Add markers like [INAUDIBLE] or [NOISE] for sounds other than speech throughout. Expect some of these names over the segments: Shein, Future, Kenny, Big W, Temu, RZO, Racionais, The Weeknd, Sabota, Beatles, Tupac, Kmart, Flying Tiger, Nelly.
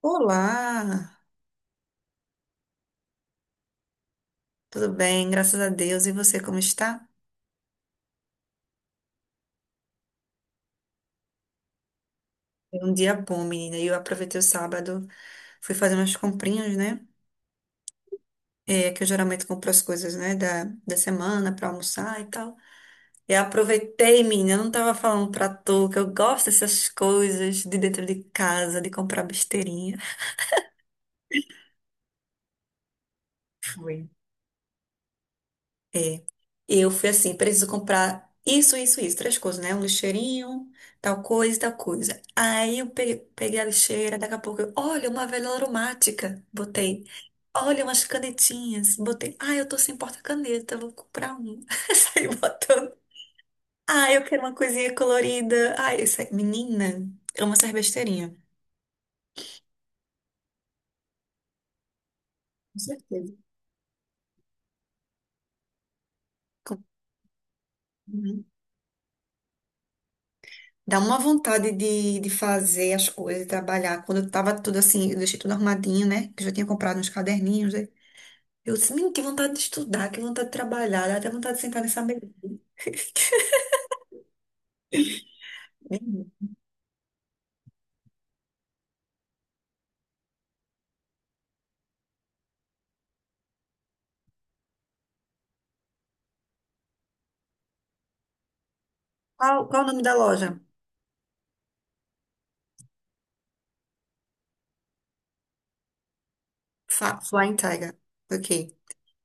Olá, tudo bem? Graças a Deus. E você, como está? Foi um dia bom, menina. E eu aproveitei o sábado, fui fazer umas comprinhas, né? É, que eu geralmente compro as coisas, né, da semana para almoçar e tal. E aproveitei, menina. Eu não tava falando pra tu que eu gosto dessas coisas de dentro de casa, de comprar besteirinha. Foi. É. Eu fui assim, preciso comprar isso, isso, isso, três coisas, né? Um lixeirinho, tal coisa, e tal coisa. Aí eu peguei a lixeira, daqui a pouco eu, olha, uma vela aromática, botei. Olha, umas canetinhas, botei. Ah, eu tô sem porta-caneta, vou comprar um. [LAUGHS] Saí botando. Ah, eu quero uma coisinha colorida. Ai, essa menina, ama essas besteirinhas. Com certeza. Com- uhum. Dá uma vontade de fazer as coisas, de trabalhar. Quando eu tava tudo assim, eu deixei tudo arrumadinho, né? Que eu já tinha comprado uns caderninhos, né? Eu disse, menino, que vontade de estudar, que vontade de trabalhar. Dá até vontade de sentar nessa mesa. [LAUGHS] Menino. Qual o nome da loja? Flying Tiger. Ok.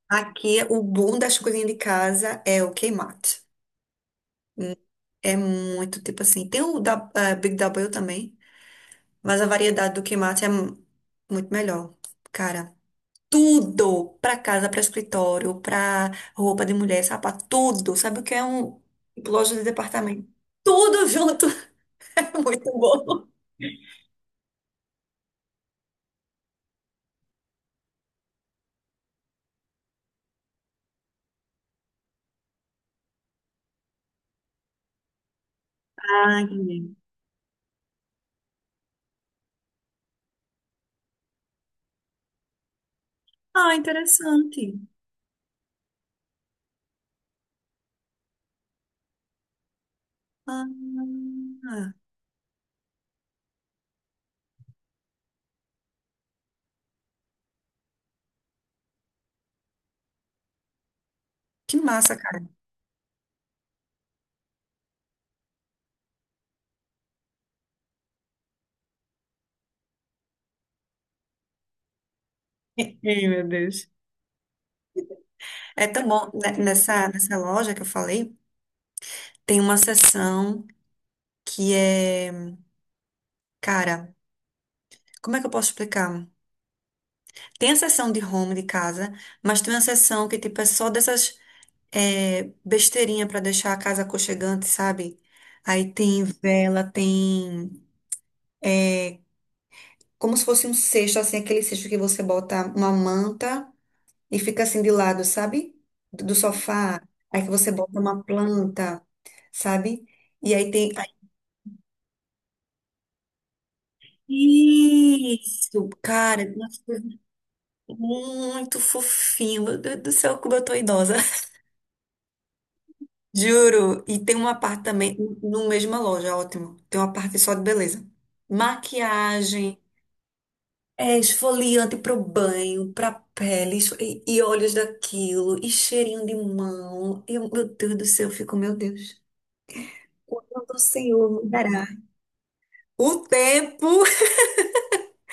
Aqui, o bom das coisinhas de casa é o Kmart. É muito, tipo assim, tem o da, Big W também, mas a variedade do Kmart é muito melhor. Cara, tudo pra casa, pra escritório, pra roupa de mulher, sapato, tudo. Sabe o que é um loja de departamento? Tudo junto. [LAUGHS] É muito bom. Ah, entendi. Ah, interessante. Ah, que massa, cara. [LAUGHS] Ei, meu Deus. É tão bom. Nessa loja que eu falei, tem uma seção que é. Cara, como é que eu posso explicar? Tem a seção de home, de casa, mas tem uma seção que tipo, é só dessas, é, besteirinha pra deixar a casa aconchegante, sabe? Aí tem vela, tem é, como se fosse um cesto, assim, aquele cesto que você bota uma manta e fica assim de lado, sabe? Do sofá. Aí que você bota uma planta, sabe? E aí tem. Isso, cara, nossa, muito fofinho. Meu Deus do céu, como eu tô idosa. Juro, e tem uma parte também, no mesma loja, ótimo. Tem uma parte só de beleza. Maquiagem, é esfoliante pro banho, pra pele, e olhos daquilo, e cheirinho de mão. Eu, meu Deus do céu, eu fico, meu Deus. Quando o Senhor me dará o tempo,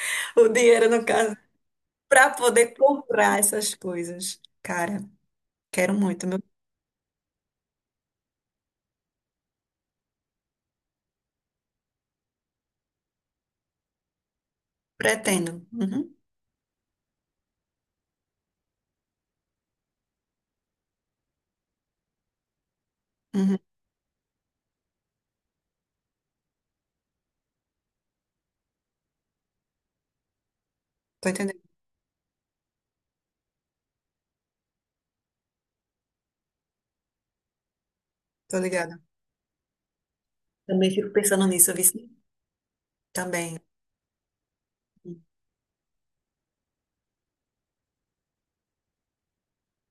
[LAUGHS] o dinheiro no caso, pra poder comprar essas coisas. Cara, quero muito, meu, pretendo. Uhum, uhum. Tô entendendo, tô ligada. Também fico pensando nisso, eu vi também.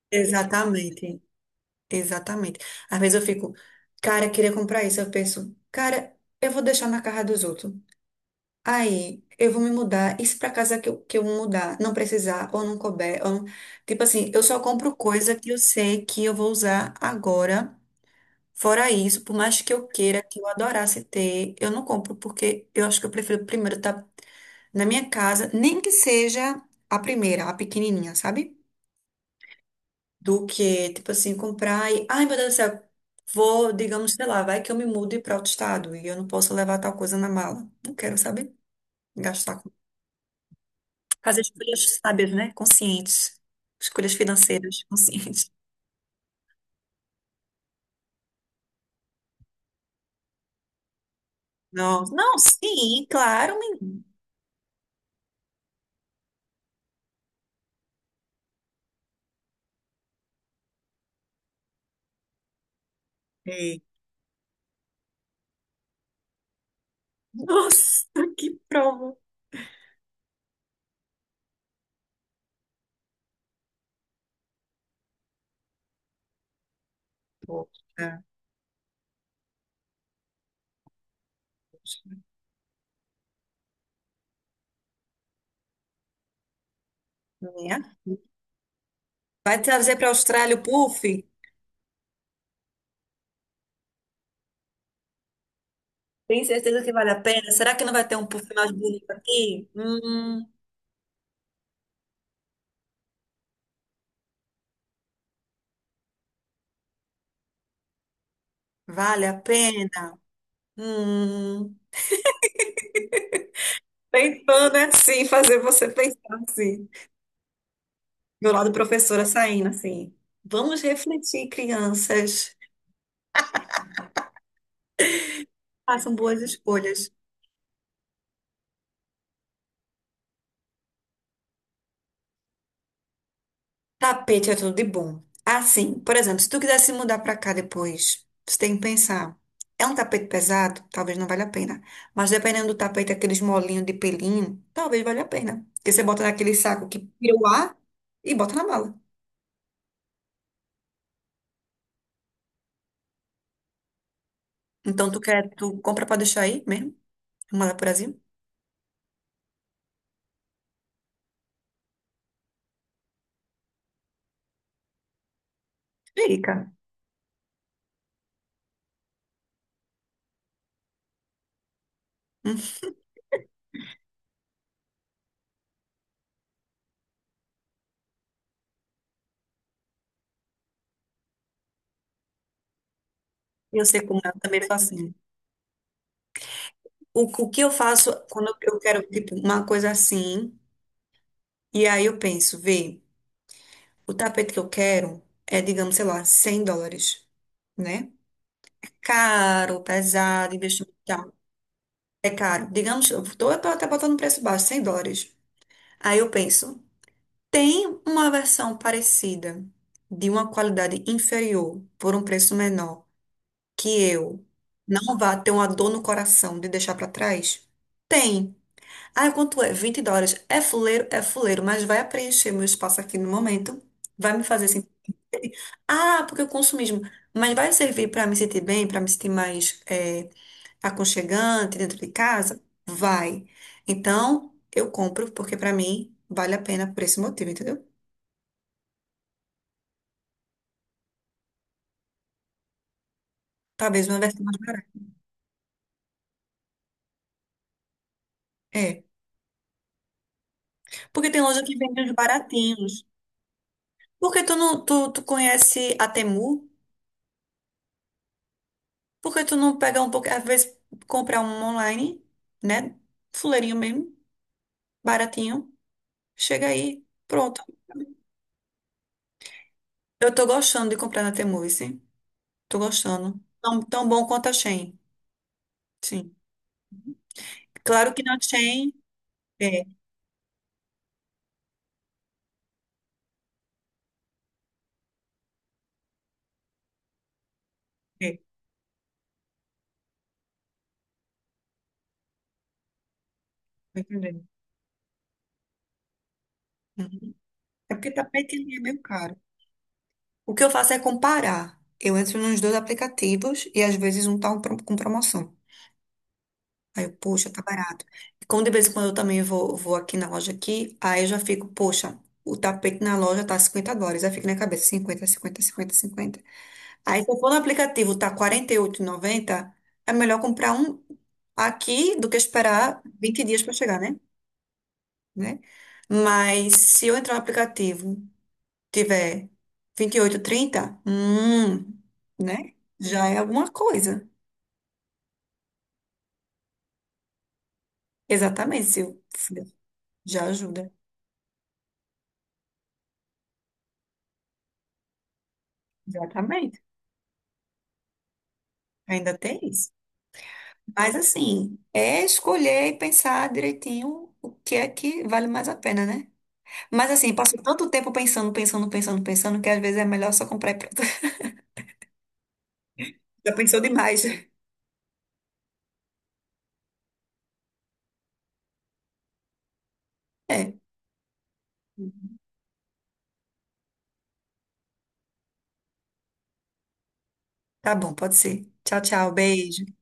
Exatamente, exatamente. Às vezes eu fico, cara, queria comprar isso. Eu penso, cara, eu vou deixar na casa dos outros. Aí eu vou me mudar. E se pra casa que eu mudar, não precisar, ou não couber, ou não. Tipo assim, eu só compro coisa que eu sei que eu vou usar agora. Fora isso, por mais que eu queira, que eu adorasse ter, eu não compro, porque eu acho que eu prefiro primeiro estar na minha casa, nem que seja a primeira, a pequenininha, sabe? Do que, tipo assim, comprar e, ai meu Deus do céu, vou, digamos, sei lá, vai que eu me mude para outro estado e eu não posso levar tal coisa na mala. Não quero, sabe? Gastar com. Fazer escolhas sábias, né? Conscientes. Escolhas financeiras conscientes. [LAUGHS] Não, não, sim, claro, menina. Ei, nossa, que prova. Poxa, né? Vai trazer para a Austrália o puff? Tem certeza que vale a pena? Será que não vai ter um puff mais bonito aqui? Vale a pena? Hum. Tentando assim, fazer você pensar assim. Meu lado professora saindo assim. Vamos refletir, crianças. Façam boas escolhas. Tapete é tudo de bom. Assim, por exemplo, se tu quiser se mudar pra cá depois, você tem que pensar. É um tapete pesado? Talvez não valha a pena. Mas dependendo do tapete, aqueles molinhos de pelinho, talvez valha a pena. Porque você bota naquele saco que tira o ar e bota na mala. Então tu quer, tu compra pra deixar aí mesmo? Manda pro Brasil? Fica. Hum. Eu sei como é, eu também faço. O que eu faço quando eu quero, tipo, uma coisa assim, e aí eu penso, vê, o tapete que eu quero é, digamos, sei lá, $100, né? Caro, pesado, investimento e tal. É caro. Digamos, eu tô até botando um preço baixo, $100. Aí eu penso, tem uma versão parecida, de uma qualidade inferior, por um preço menor, que eu não vá ter uma dor no coração de deixar pra trás? Tem. Ah, quanto é? $20. É fuleiro, mas vai preencher meu espaço aqui no momento. Vai me fazer assim. Ah, porque o consumismo. Mas vai servir para me sentir bem, para me sentir mais aconchegante dentro de casa? Vai. Então, eu compro, porque para mim vale a pena por esse motivo, entendeu? Talvez uma versão mais barata. É. Porque tem loja que vende uns baratinhos. Por que tu não, tu, tu conhece a Temu? Por que tu não pega um pouco, às vezes comprar um online, né? Fuleirinho mesmo. Baratinho. Chega aí. Pronto. Eu tô gostando de comprar na Temu, sim. Tô gostando. Tão, tão bom quanto a Shein. Sim. Claro que na Shein. É, é. Tô entendendo. Uhum. É porque tapete ali é meio caro. O que eu faço é comparar. Eu entro nos dois aplicativos e às vezes um tá um com promoção. Aí eu, poxa, tá barato. E como de vez em quando eu também vou aqui na loja aqui, aí eu já fico, poxa, o tapete na loja tá $50. Aí fica na cabeça, 50, 50, 50, 50. Aí, se eu for no aplicativo, tá 48,90, é melhor comprar um aqui do que esperar 20 dias para chegar, né? Né? Mas se eu entrar no aplicativo, tiver vinte e oito, trinta, né? Já é alguma coisa. Exatamente, Sil. Já ajuda. Exatamente. Ainda tem isso. Mas assim, é escolher e pensar direitinho o que é que vale mais a pena, né? Mas assim, passo tanto tempo pensando, pensando, pensando, pensando, que às vezes é melhor só comprar e pronto. [LAUGHS] Já pensou demais. É, tá bom, pode ser. Tchau, tchau, beijo.